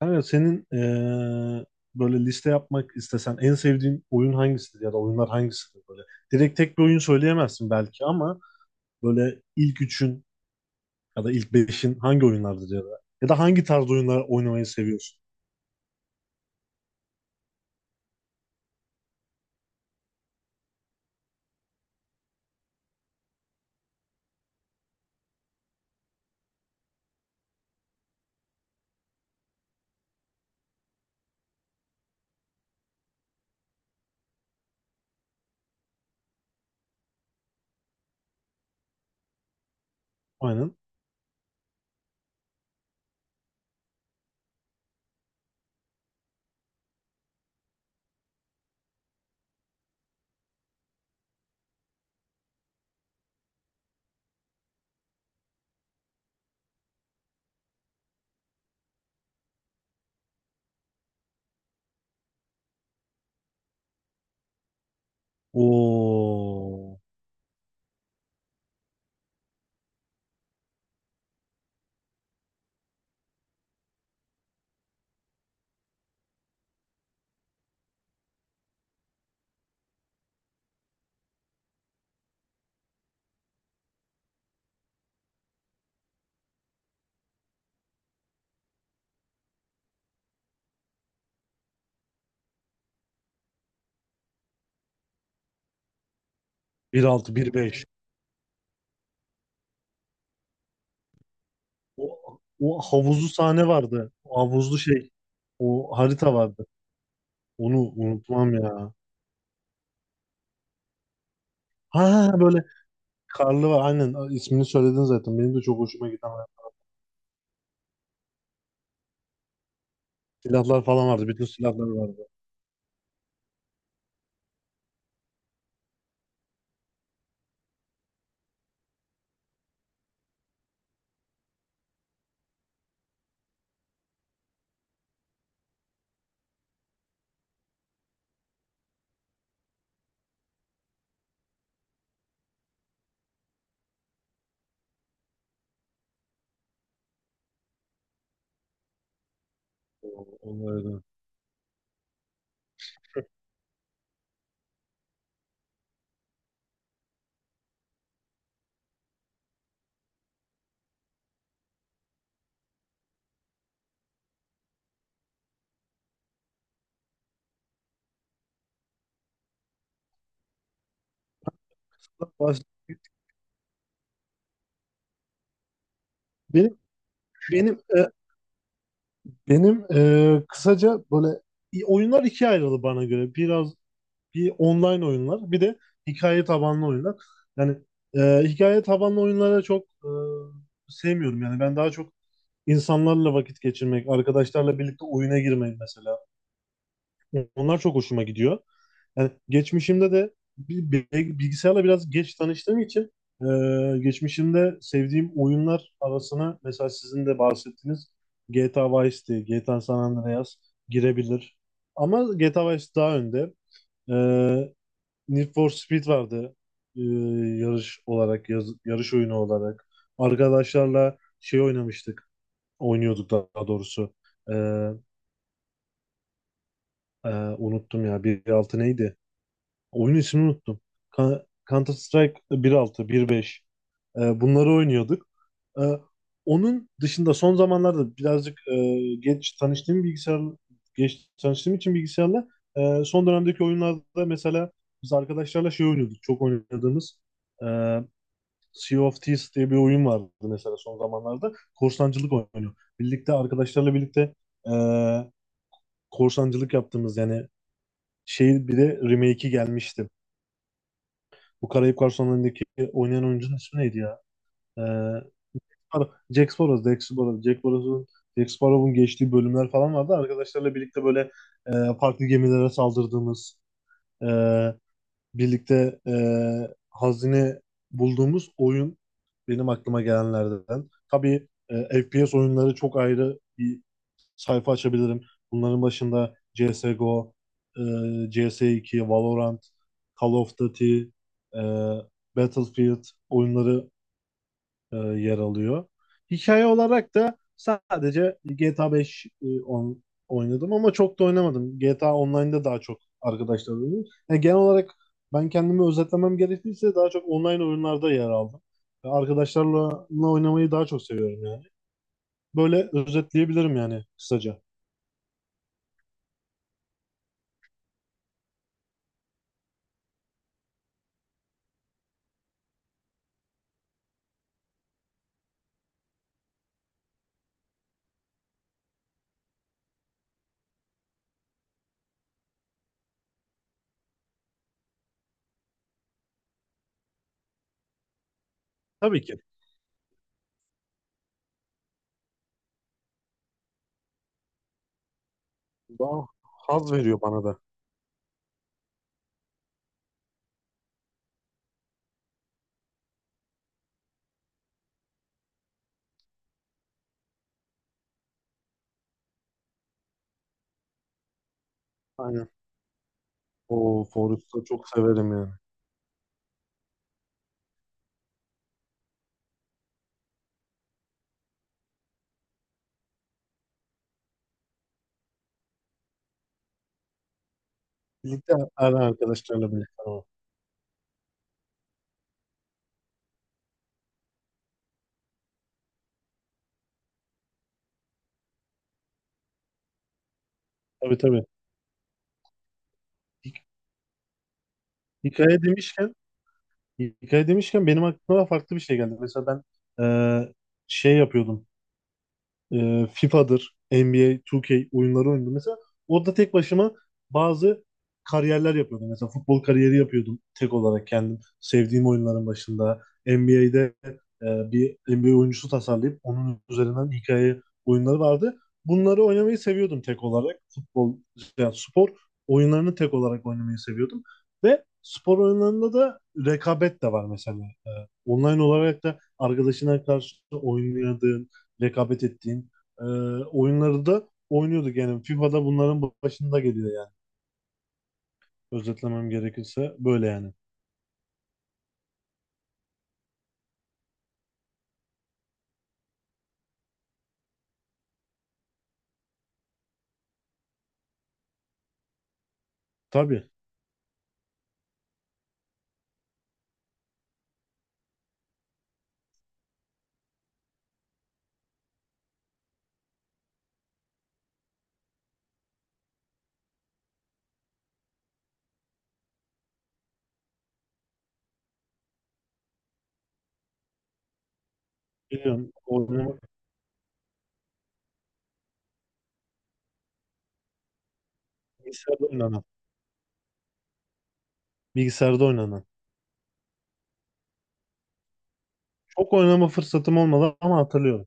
Kanka senin böyle liste yapmak istesen en sevdiğin oyun hangisidir ya da oyunlar hangisidir böyle? Direkt tek bir oyun söyleyemezsin belki ama böyle ilk üçün ya da ilk beşin hangi oyunlardır ya da ya da hangi tarz oyunlar oynamayı seviyorsun? Aynen. O Bir altı bir beş. O, o havuzlu sahne vardı. O havuzlu şey. O harita vardı. Onu unutmam ya. Ha böyle karlı var. Aynen ismini söyledin zaten. Benim de çok hoşuma giden silahlar falan vardı. Bütün silahlar vardı. Onlardan. Baş- Benim benim e, benim kısaca böyle oyunlar ikiye ayrıldı bana göre. Biraz bir online oyunlar, bir de hikaye tabanlı oyunlar. Yani hikaye tabanlı oyunlara çok sevmiyorum. Yani ben daha çok insanlarla vakit geçirmek, arkadaşlarla birlikte oyuna girmeyi mesela. Onlar çok hoşuma gidiyor. Yani geçmişimde de bilgisayarla biraz geç tanıştığım için e, geçmişimde sevdiğim oyunlar arasına mesela sizin de bahsettiğiniz GTA Vice City, GTA San Andreas girebilir. Ama GTA Vice daha önde. E, Need for Speed vardı e, yarış olarak, yarış oyunu olarak. Arkadaşlarla şey oynamıştık, oynuyorduk daha doğrusu. E, e, unuttum ya, bir altı neydi? Oyun ismini unuttum. Counter Strike 1.6, 1.5. Bunları oynuyorduk. Ee, onun dışında son zamanlarda birazcık geç tanıştığım için bilgisayarla son dönemdeki oyunlarda mesela biz arkadaşlarla şey oynuyorduk. Çok oynadığımız e, Sea of Thieves diye bir oyun vardı mesela son zamanlarda. Korsancılık oyunu. Birlikte arkadaşlarla birlikte e, korsancılık yaptığımız yani şey, bir de remake'i gelmişti. Bu Karayip Garsonları'ndaki oynayan oyuncunun ismi neydi ya? Ee, Ar- Jack Sparrow, Jack Sparrow, Jack Sparrow'un Jack Sparrow'un geçtiği bölümler falan vardı. Arkadaşlarla birlikte böyle e, farklı gemilere saldırdığımız, e, birlikte hazine bulduğumuz oyun benim aklıma gelenlerden. Tabii FPS oyunları çok ayrı bir sayfa açabilirim. Bunların başında CSGO, e, CS2, Valorant, Call of Duty, e, Battlefield oyunları yer alıyor. Hikaye olarak da sadece GTA 5 oynadım ama çok da oynamadım. GTA Online'da daha çok arkadaşlar oynuyorum. Yani genel olarak ben kendimi özetlemem gerekirse daha çok online oyunlarda yer aldım. Ve arkadaşlarla oynamayı daha çok seviyorum yani. Böyle özetleyebilirim yani kısaca. Tabii ki. Daha haz veriyor bana da. Aynen. O Forest'ı çok severim yani. Birlikte arkadaşlarla birlikte ama. Tabii, tabii. Hi- Hikaye demişken, hikaye demişken, benim aklıma farklı bir şey geldi. Mesela ben eee, şey yapıyordum. FIFA'dır, NBA, 2K oyunları oynadım. Mesela orada tek başıma bazı kariyerler yapıyordum. Mesela futbol kariyeri yapıyordum tek olarak kendim. Sevdiğim oyunların başında. NBA'de bir NBA oyuncusu tasarlayıp onun üzerinden hikaye oyunları vardı. Bunları oynamayı seviyordum tek olarak. Futbol, yani spor oyunlarını tek olarak oynamayı seviyordum. Ve spor oyunlarında da rekabet de var mesela. E, online olarak da arkadaşına karşı oynadığın, rekabet ettiğin e, oyunları da oynuyorduk yani. FIFA'da bunların başında geliyor yani. Özetlemem gerekirse böyle yani. Tabii, biliyorum, oynamak bilgisayarda oynanan. Bilgisayarda oynanan. Çok oynama fırsatım olmadı ama hatırlıyorum.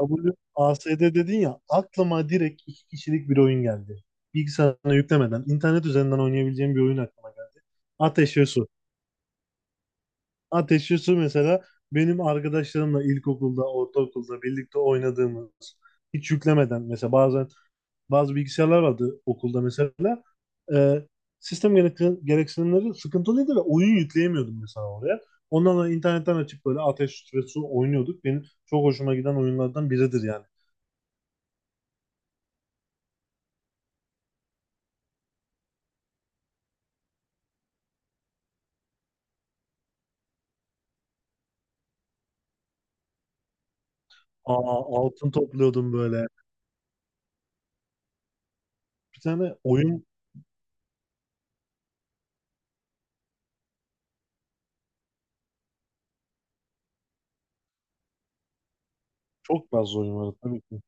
WASD dedin ya, aklıma direkt iki kişilik bir oyun geldi. Bilgisayarına yüklemeden internet üzerinden oynayabileceğim bir oyun aklıma geldi. Ateş ve Su. Ateşli Su mesela benim arkadaşlarımla ilkokulda, ortaokulda birlikte oynadığımız, hiç yüklemeden mesela, bazen bazı bilgisayarlar vardı okulda mesela. Ee, sistem gereksinimleri sıkıntılıydı ve oyun yükleyemiyordum mesela oraya. Ondan sonra internetten açıp böyle Ateş ve Su oynuyorduk. Benim çok hoşuma giden oyunlardan biridir yani. Aa, altın topluyordum böyle. Bir tane oyun çok fazla oyun vardı tabii ki.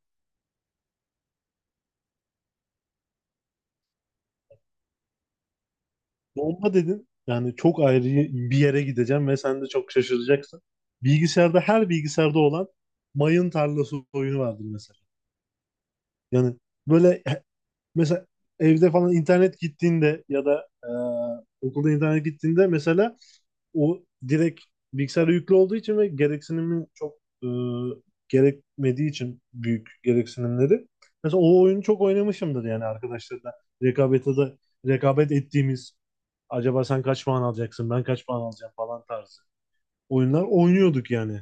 Bomba dedin. Yani çok ayrı bir yere gideceğim ve sen de çok şaşıracaksın. Bilgisayarda, her bilgisayarda olan mayın tarlası oyunu vardır mesela. Yani böyle mesela evde falan internet gittiğinde ya da okulda internet gittiğinde mesela o direkt bilgisayara yüklü olduğu için ve gereksinimi çok e, gerekmediği için, büyük gereksinimleri. Mesela o oyunu çok oynamışımdır yani arkadaşlarla rekabete de rekabet ettiğimiz, acaba sen kaç puan alacaksın ben kaç puan alacağım falan tarzı oyunlar oynuyorduk yani.